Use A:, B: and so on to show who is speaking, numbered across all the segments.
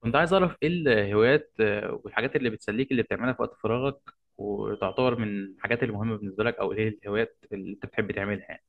A: كنت عايز أعرف إيه الهوايات، والحاجات اللي بتسليك اللي بتعملها في وقت فراغك وتعتبر من الحاجات المهمة بالنسبة لك، أو إيه الهوايات اللي أنت بتحب تعملها يعني.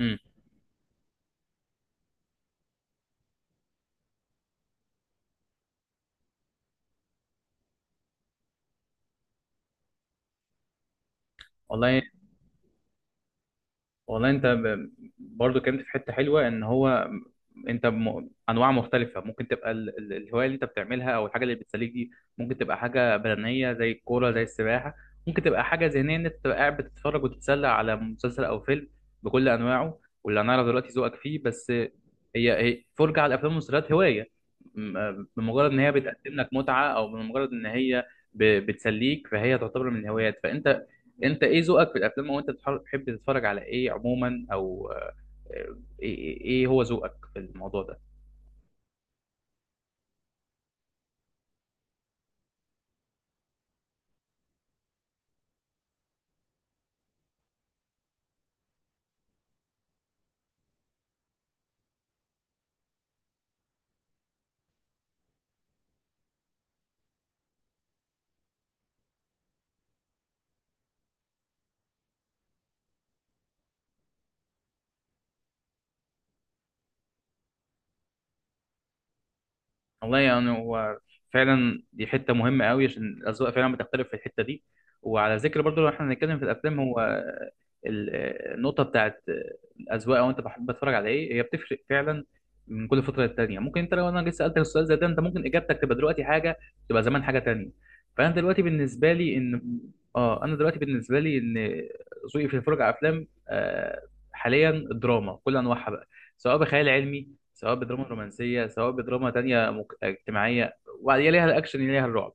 A: امم والله والله برضو كنت في حته حلوه. ان هو انت انواع مختلفه ممكن تبقى الهوايه اللي انت بتعملها او الحاجه اللي بتسليك دي، ممكن تبقى حاجه بدنيه زي الكوره زي السباحه، ممكن تبقى حاجه ذهنيه ان انت تبقى قاعد بتتفرج وتتسلى على مسلسل او فيلم بكل انواعه، واللي انا اعرف دلوقتي ذوقك فيه بس هي فرجه على الافلام والمسلسلات. هوايه بمجرد ان هي بتقدم لك متعه، او بمجرد ان هي بتسليك، فهي تعتبر من الهوايات. فانت ايه ذوقك في الافلام، وانت بتحب تتفرج على ايه عموما؟ او آه، إيه هو ذوقك في الموضوع ده؟ والله يعني هو فعلا دي حته مهمه قوي، عشان الاذواق فعلا بتختلف في الحته دي. وعلى ذكر برضو، لو احنا هنتكلم في الافلام، هو النقطه بتاعت الاذواق او انت بحب بتتفرج على ايه، هي بتفرق فعلا من كل فتره للتانيه. ممكن انت لو انا لسه سالتك السؤال زي ده، انت ممكن اجابتك تبقى دلوقتي حاجه، تبقى زمان حاجه تانيه. فانا دلوقتي بالنسبه لي ان اه، انا دلوقتي بالنسبه لي ان ذوقي في الفرجه على افلام، آه، حاليا الدراما كل انواعها بقى، سواء بخيال علمي، سواء بدراما رومانسيه، سواء بدراما تانيه اجتماعيه، وبعدين ليها الاكشن، ليها الرعب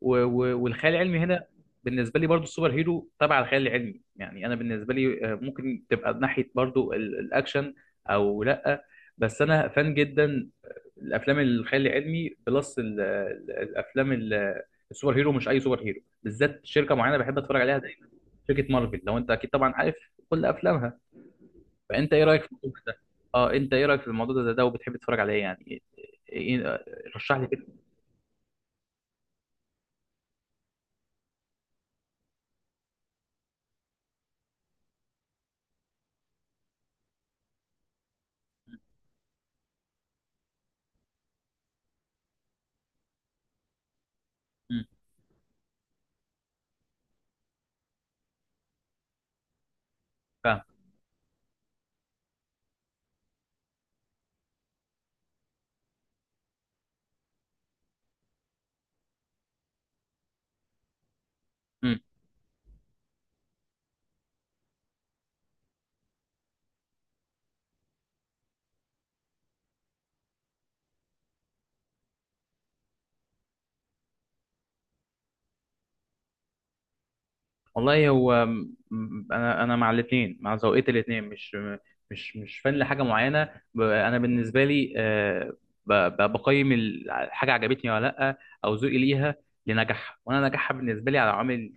A: والخيال العلمي. هنا بالنسبه لي برضو السوبر هيرو تبع الخيال العلمي، يعني انا بالنسبه لي، آه، ممكن تبقى ناحيه برضو الاكشن او لا، بس انا فان جدا الافلام الخيال العلمي بلس الافلام السوبر هيرو. مش اي سوبر هيرو، بالذات شركه معينه بحب اتفرج عليها دايما، شركه مارفل، لو انت اكيد طبعا عارف كل افلامها. فانت ايه رايك في الموضوع ده؟ اه، انت ايه رايك في الموضوع ده، ده وبتحب تتفرج عليه يعني؟ إيه- إيه- إيه، رشح لي كده. مم، فاهم. مم. والله هو انا مع الاثنين، مع ذوقية الاثنين، مش فن لحاجه معينه. انا بالنسبه لي، آه، بقيم الحاجه عجبتني ولا لا، او ذوقي ليها لنجاحها. وانا نجاحها بالنسبه لي على عوامل،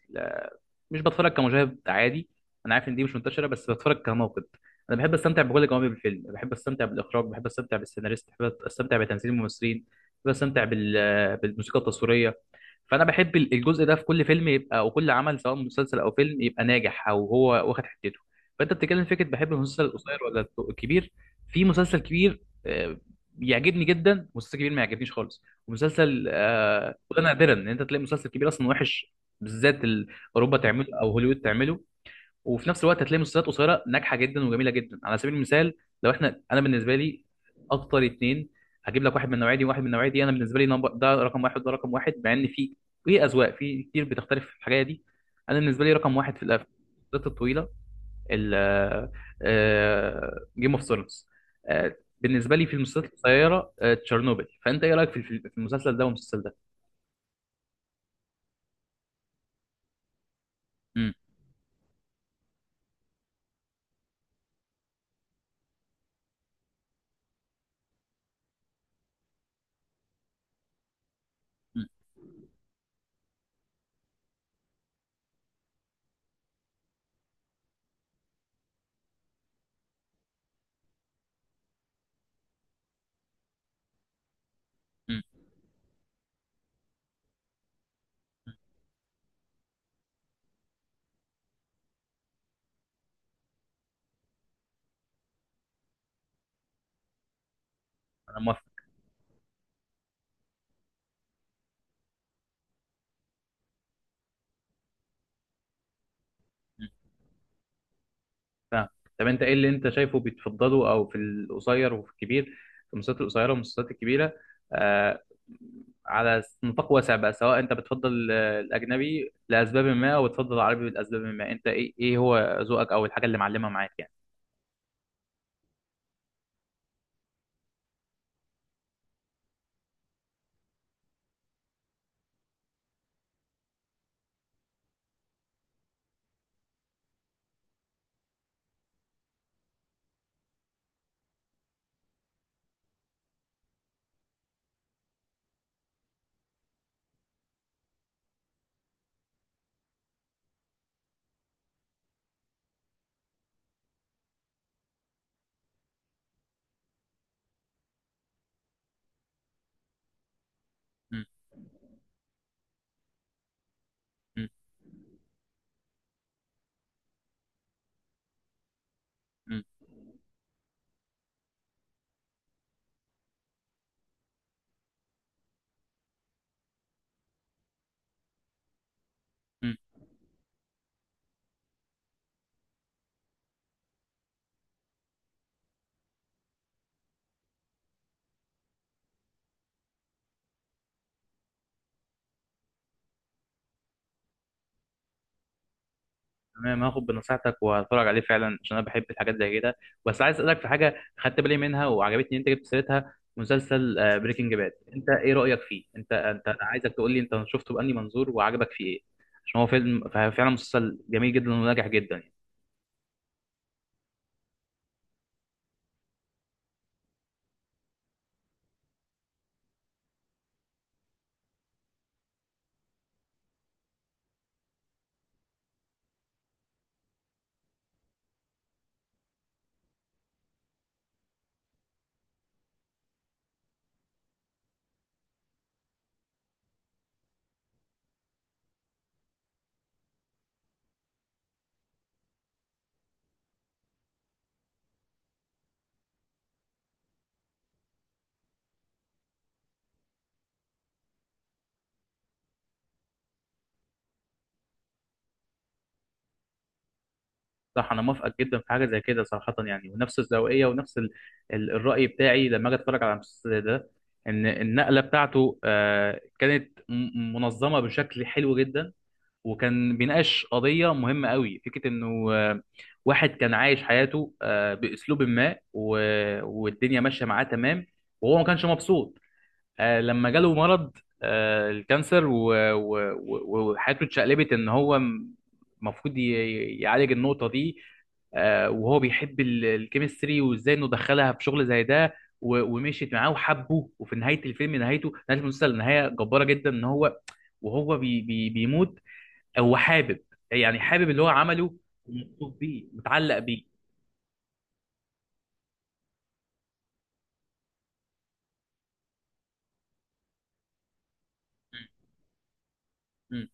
A: مش بتفرج كمشاهد عادي، انا عارف ان دي مش منتشره، بس بتفرج كناقد. انا بحب استمتع بكل جوانب الفيلم، بحب استمتع بالاخراج، بحب استمتع بالسيناريست، بحب استمتع بتمثيل الممثلين، بحب استمتع بالموسيقى التصويريه. فانا بحب الجزء ده في كل فيلم، يبقى او كل عمل سواء مسلسل او فيلم يبقى ناجح او هو واخد حتته. فانت بتتكلم فكره بحب المسلسل القصير ولا الكبير؟ في مسلسل كبير، آه، بيعجبني جدا، مسلسل كبير ما يعجبنيش خالص. ومسلسل، آه، وده نادرا ان انت تلاقي مسلسل كبير اصلا وحش، بالذات اوروبا تعمله او هوليوود تعمله. وفي نفس الوقت هتلاقي مسلسلات قصيره ناجحه جدا وجميله جدا. على سبيل المثال، لو احنا، انا بالنسبه لي اكتر اتنين هجيب لك، واحد من النوعيه دي وواحد من النوعيه دي. انا بالنسبه لي نمبر، ده رقم واحد وده رقم واحد، مع ان في في اذواق في كتير بتختلف في الحاجه دي. انا بالنسبه لي رقم واحد في الافلام الطويله جيم اوف ثرونز، بالنسبه لي في المسلسلات القصيره، آه، تشيرنوبل. فانت ايه رايك في في المسلسل ده والمسلسل ده؟ مم. مم. مم. انا موافق. فاهم. طب انت ايه اللي انت شايفه بتفضله، او في القصير وفي الكبير، في المسلسلات القصيره والمسلسلات الكبيره، آه، على نطاق واسع بقى، سواء انت بتفضل، آه، الاجنبي لاسباب ما، او بتفضل العربي لاسباب ما. انت ايه هو ذوقك او الحاجه اللي معلمه معاك يعني؟ م- م- م- م. تمام، هاخد بنصيحتك وهتفرج عليه فعلا، عشان انا بحب الحاجات زي كده. بس عايز اسالك في حاجه خدت بالي منها وعجبتني، إن انت جبت سيرتها، مسلسل بريكنج باد. انت ايه رايك فيه؟ انت انت أنا عايزك تقول لي انت شفته بأني منظور وعجبك فيه ايه، عشان هو فيلم، فعلا مسلسل جميل جدا وناجح جدا يعني. صح، انا موافقك جدا في حاجه زي كده صراحه، يعني ونفس الزاويه ونفس الراي بتاعي لما اجي اتفرج على المسلسل ده، ان النقله بتاعته، آه، كانت منظمه بشكل حلو جدا. وكان بيناقش قضية مهمة قوي، فكرة انه، آه، واحد كان عايش حياته، آه، باسلوب ما، والدنيا ماشية معاه تمام، وهو ما كانش مبسوط. آه، لما جاله مرض، آه، الكانسر، وحياته اتشقلبت. ان هو المفروض يعالج النقطة دي، آه، وهو بيحب الكيمستري وازاي انه دخلها في شغل زي ده. ومشيت معاه وحبه. وفي نهاية الفيلم، نهايته، نهاية المسلسل، نهاية جبارة جدا، ان هو وهو بي بي بيموت، هو حابب، يعني حابب اللي هو عمله، ومبسوط بيه، متعلق بيه. مم.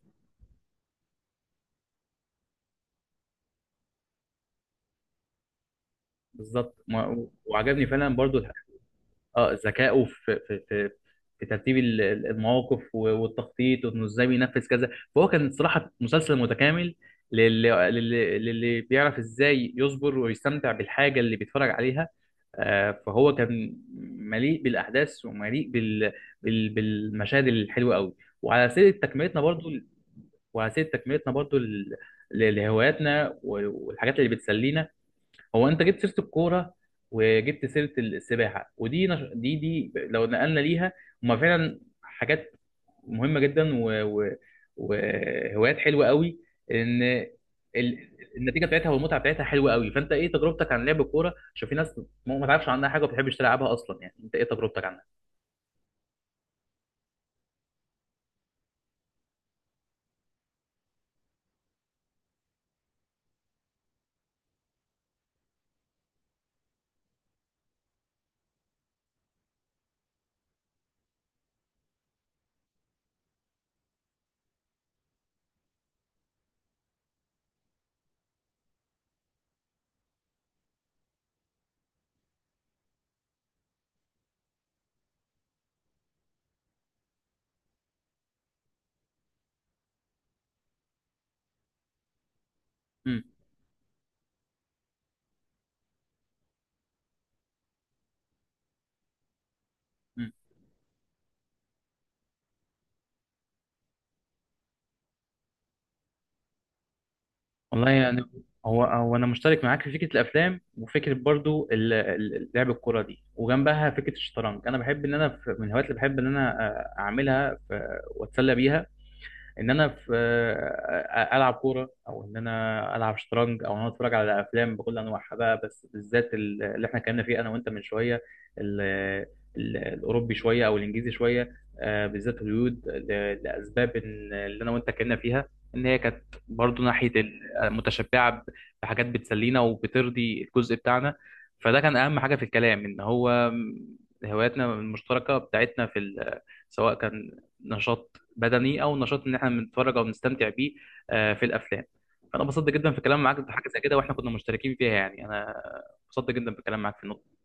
A: بالظبط. وعجبني فعلا برضو اه ذكائه في في ترتيب المواقف والتخطيط، وانه ازاي بينفذ كذا. فهو كان صراحة مسلسل متكامل للي بيعرف ازاي يصبر ويستمتع بالحاجة اللي بيتفرج عليها. آه، فهو كان مليء بالاحداث، ومليء بالمشاهد الحلوة قوي. وعلى سيرة تكملتنا برضو وعلى سبيل تكملتنا برضو لهواياتنا والحاجات اللي بتسلينا، هو انت جبت سيره الكوره وجبت سيره السباحه، ودي دي لو نقلنا ليها، هما فعلا حاجات مهمه جدا وهوايات حلوه قوي. ان ال... النتيجه بتاعتها والمتعه بتاعتها حلوه قوي. فانت ايه تجربتك عن لعب الكوره؟ عشان في ناس ما تعرفش عنها حاجه وما بتحبش تلعبها اصلا، يعني انت ايه تجربتك عنها؟ امم والله، يعني هو هو انا مشترك معاك في فكره الافلام، وفكره برضو لعب الكوره دي، وجنبها فكره الشطرنج. انا بحب ان انا من الهوايات اللي بحب ان انا، آه، اعملها واتسلى بيها ان انا في، العب كوره، او ان انا العب شطرنج، او ان انا اتفرج على افلام بكل انواعها بقى. بس بالذات اللي احنا اتكلمنا فيه انا وانت من شويه، ال- الاوروبي شويه او الانجليزي شويه، آه، بالذات هوليوود لاسباب اللي انا وانت اتكلمنا فيها، ان هي كانت برضو ناحيه متشبعه بحاجات بتسلينا، وبترضي الجزء بتاعنا. فده كان اهم حاجه في الكلام، ان هو هواياتنا المشتركه بتاعتنا في سواء كان نشاط بدني، او نشاط ان احنا بنتفرج او بنستمتع بيه، آه، في الافلام. فانا انبسطت جدا في الكلام معاك في حاجه زي كده، واحنا كنا مشتركين فيها، يعني انا انبسطت جدا بالكلام معاك في النقطه